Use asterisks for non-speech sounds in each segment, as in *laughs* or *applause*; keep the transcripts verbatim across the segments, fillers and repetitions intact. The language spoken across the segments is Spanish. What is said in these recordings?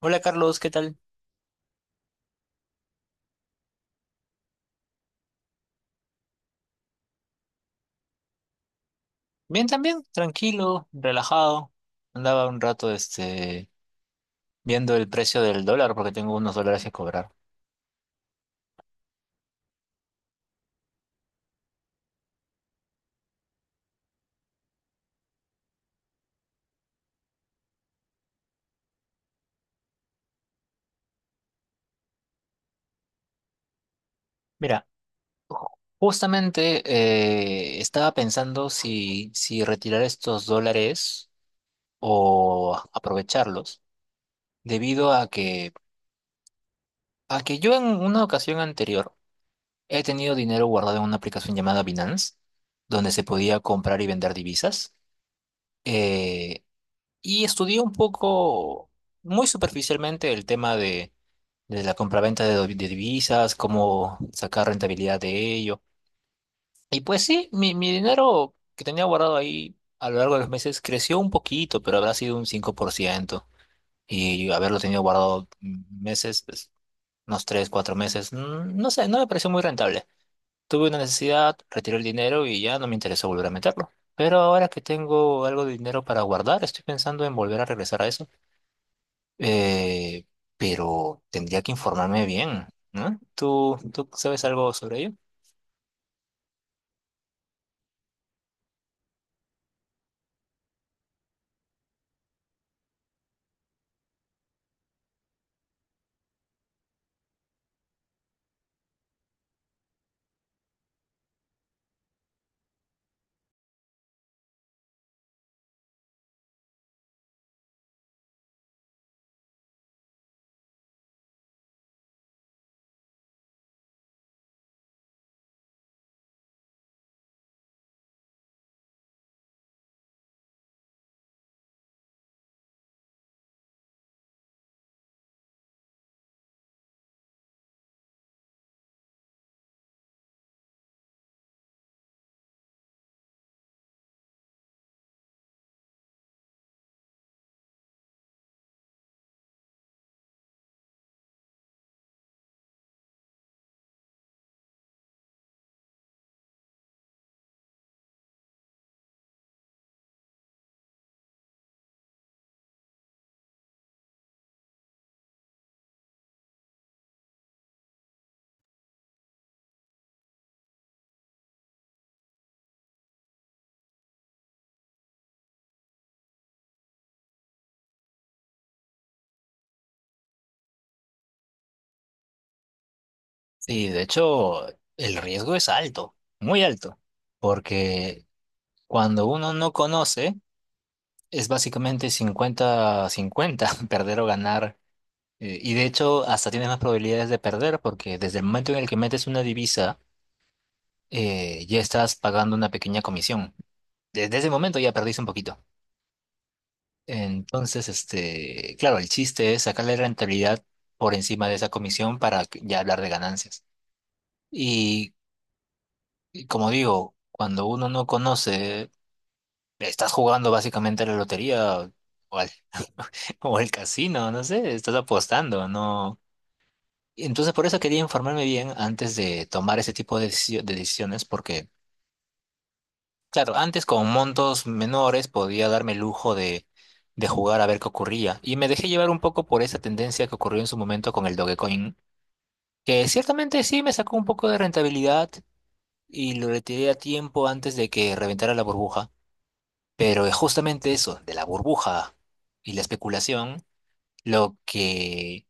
Hola Carlos, ¿qué tal? Bien también, tranquilo, relajado. Andaba un rato este viendo el precio del dólar porque tengo unos dólares que cobrar. Mira, ju- justamente eh, estaba pensando si, si retirar estos dólares o aprovecharlos, debido a que, a que yo en una ocasión anterior he tenido dinero guardado en una aplicación llamada Binance, donde se podía comprar y vender divisas. Eh, Y estudié un poco, muy superficialmente, el tema de, de la compraventa de, do- de divisas, cómo sacar rentabilidad de ello. Y pues sí, mi, mi dinero que tenía guardado ahí a lo largo de los meses creció un poquito, pero habrá sido un cinco por ciento. Y haberlo tenido guardado mm, meses, pues, unos tres o cuatro meses, mm, no sé, no me pareció muy rentable. Tuve una necesidad, retiré el dinero y ya no me interesó volver a meterlo. Pero ahora que tengo algo de dinero para guardar, estoy pensando en volver a regresar a eso. Eh, pero tendría que informarme bien, ¿no? ¿Tú, tú sabes algo sobre ello? Sí, de hecho, el riesgo es alto, muy alto, porque cuando uno no conoce, es básicamente cincuenta-cincuenta *laughs* perder o ganar. eh, Y de hecho, hasta tienes más probabilidades de perder, porque desde el momento en el que metes una divisa, eh, ya estás pagando una pequeña comisión. Desde ese momento ya perdiste un poquito. Entonces, este, claro, el chiste es sacarle rentabilidad por encima de esa comisión para que- ya hablar de ganancias. Y, y como digo, cuando uno no conoce, estás jugando básicamente a la lotería o al, *laughs* o al casino, no sé, estás apostando, ¿no? Y Entonces, por eso quería informarme bien antes de tomar ese tipo de decisio- de decisiones, porque claro, antes con montos menores podía darme el lujo de, de jugar a ver qué ocurría. Y me dejé llevar un poco por esa tendencia que ocurrió en su momento con el Dogecoin, que ciertamente sí me sacó un poco de rentabilidad y lo retiré a tiempo antes de que reventara la burbuja. Pero es justamente eso, de la burbuja y la especulación, lo que,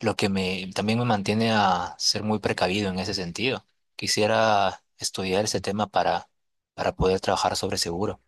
lo que me, también me mantiene a ser muy precavido en ese sentido. Quisiera estudiar ese tema para, para poder trabajar sobre seguro.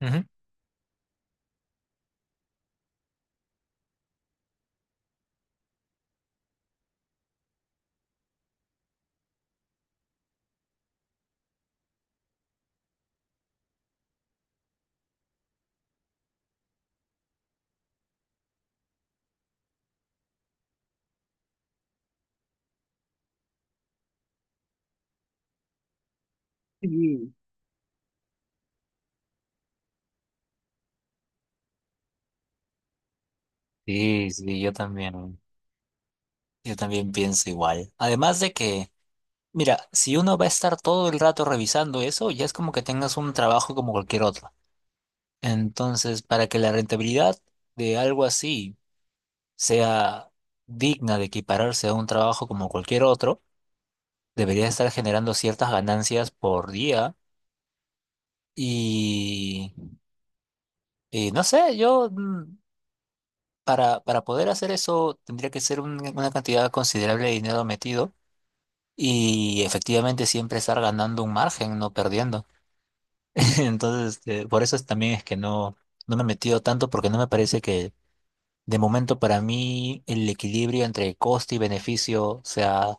Ujú. Sí, sí, sí, yo también, yo también pienso igual. Además de que, mira, si uno va a estar todo el rato revisando eso, ya es como que tengas un trabajo como cualquier otro. Entonces, para que la rentabilidad de algo así sea digna de equipararse a un trabajo como cualquier otro, debería estar generando ciertas ganancias por día. Y, y no sé, yo mm, para, para poder hacer eso tendría que ser un- una cantidad considerable de dinero metido. Y efectivamente siempre estar ganando un margen, no perdiendo. *laughs* Entonces, este, por eso es- también es que no, no me he metido tanto porque no me parece que de momento para mí el equilibrio entre coste y beneficio sea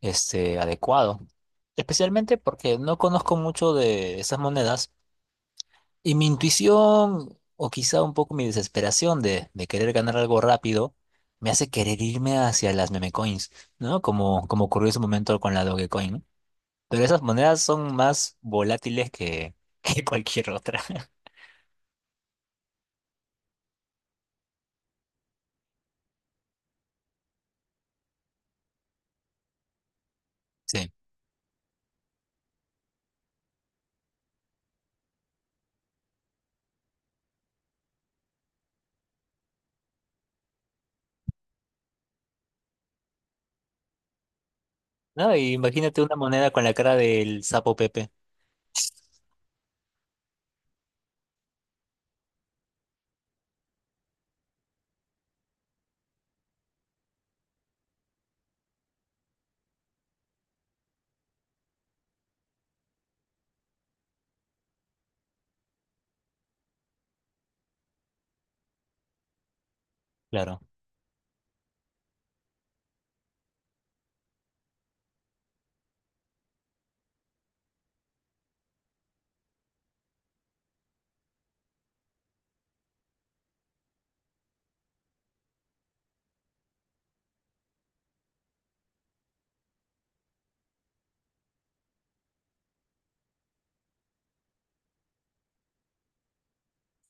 este, adecuado. Especialmente porque no conozco mucho de esas monedas y mi intuición o quizá un poco mi desesperación de, de querer ganar algo rápido me hace querer irme hacia las meme coins, ¿no? Como, como ocurrió en su momento con la Dogecoin, ¿no? Pero esas monedas son más volátiles que, *laughs* que cualquier otra. *laughs* Sí. No, y imagínate una moneda con la cara del sapo Pepe. Claro.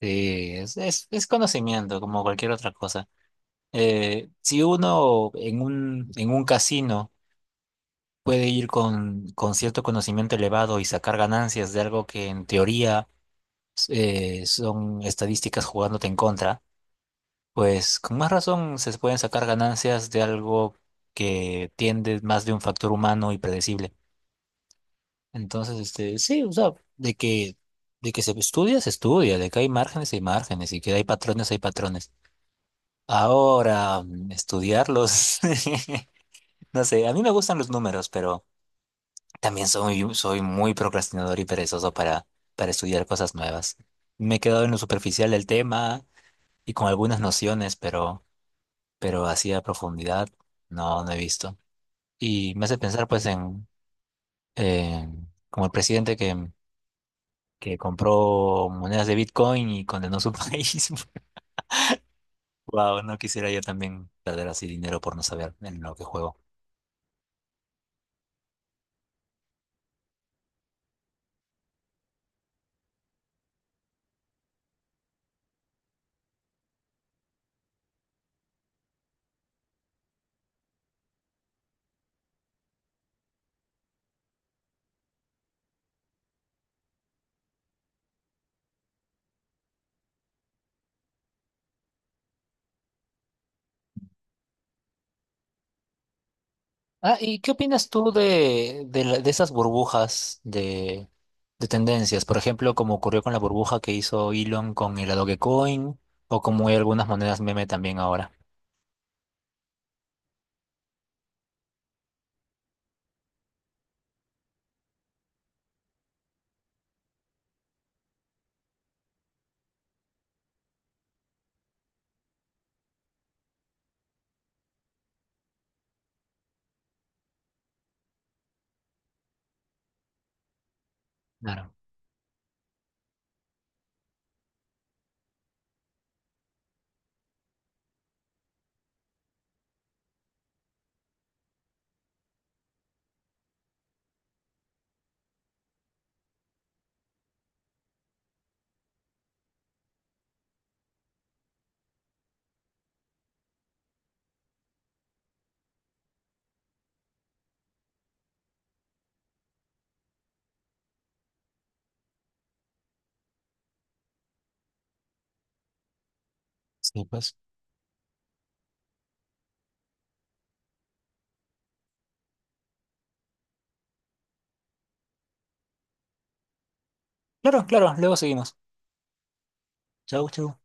Sí, es, es, es conocimiento, como cualquier otra cosa. Eh, si uno en un, en un casino puede ir con, con cierto conocimiento elevado y sacar ganancias de algo que en teoría eh, son estadísticas jugándote en contra, pues con más razón se pueden sacar ganancias de algo que tiende más de un factor humano y predecible. Entonces, este, sí, o sea, de que, de que se estudia, se estudia, de que hay márgenes, hay márgenes, y que hay patrones, hay patrones. Ahora, mm, estudiarlos, *laughs* no sé, a mí me gustan los números, pero también soy, soy muy procrastinador y perezoso para, para estudiar cosas nuevas. Me he quedado en lo superficial del tema y con algunas nociones, pero... pero así a profundidad no, no he visto. Y me hace pensar pues en, en como el presidente que, que compró monedas de Bitcoin y condenó su *laughs* país. Wow, no quisiera yo también perder así dinero por no saber en lo que juego. Ah, ¿y qué opinas tú de, de, la- de esas burbujas de, de tendencias? Por ejemplo, como ocurrió con la burbuja que hizo Elon con el Dogecoin, o como hay algunas monedas meme también ahora. Claro. Sí, pues. Claro, claro, luego seguimos. Chau, chau.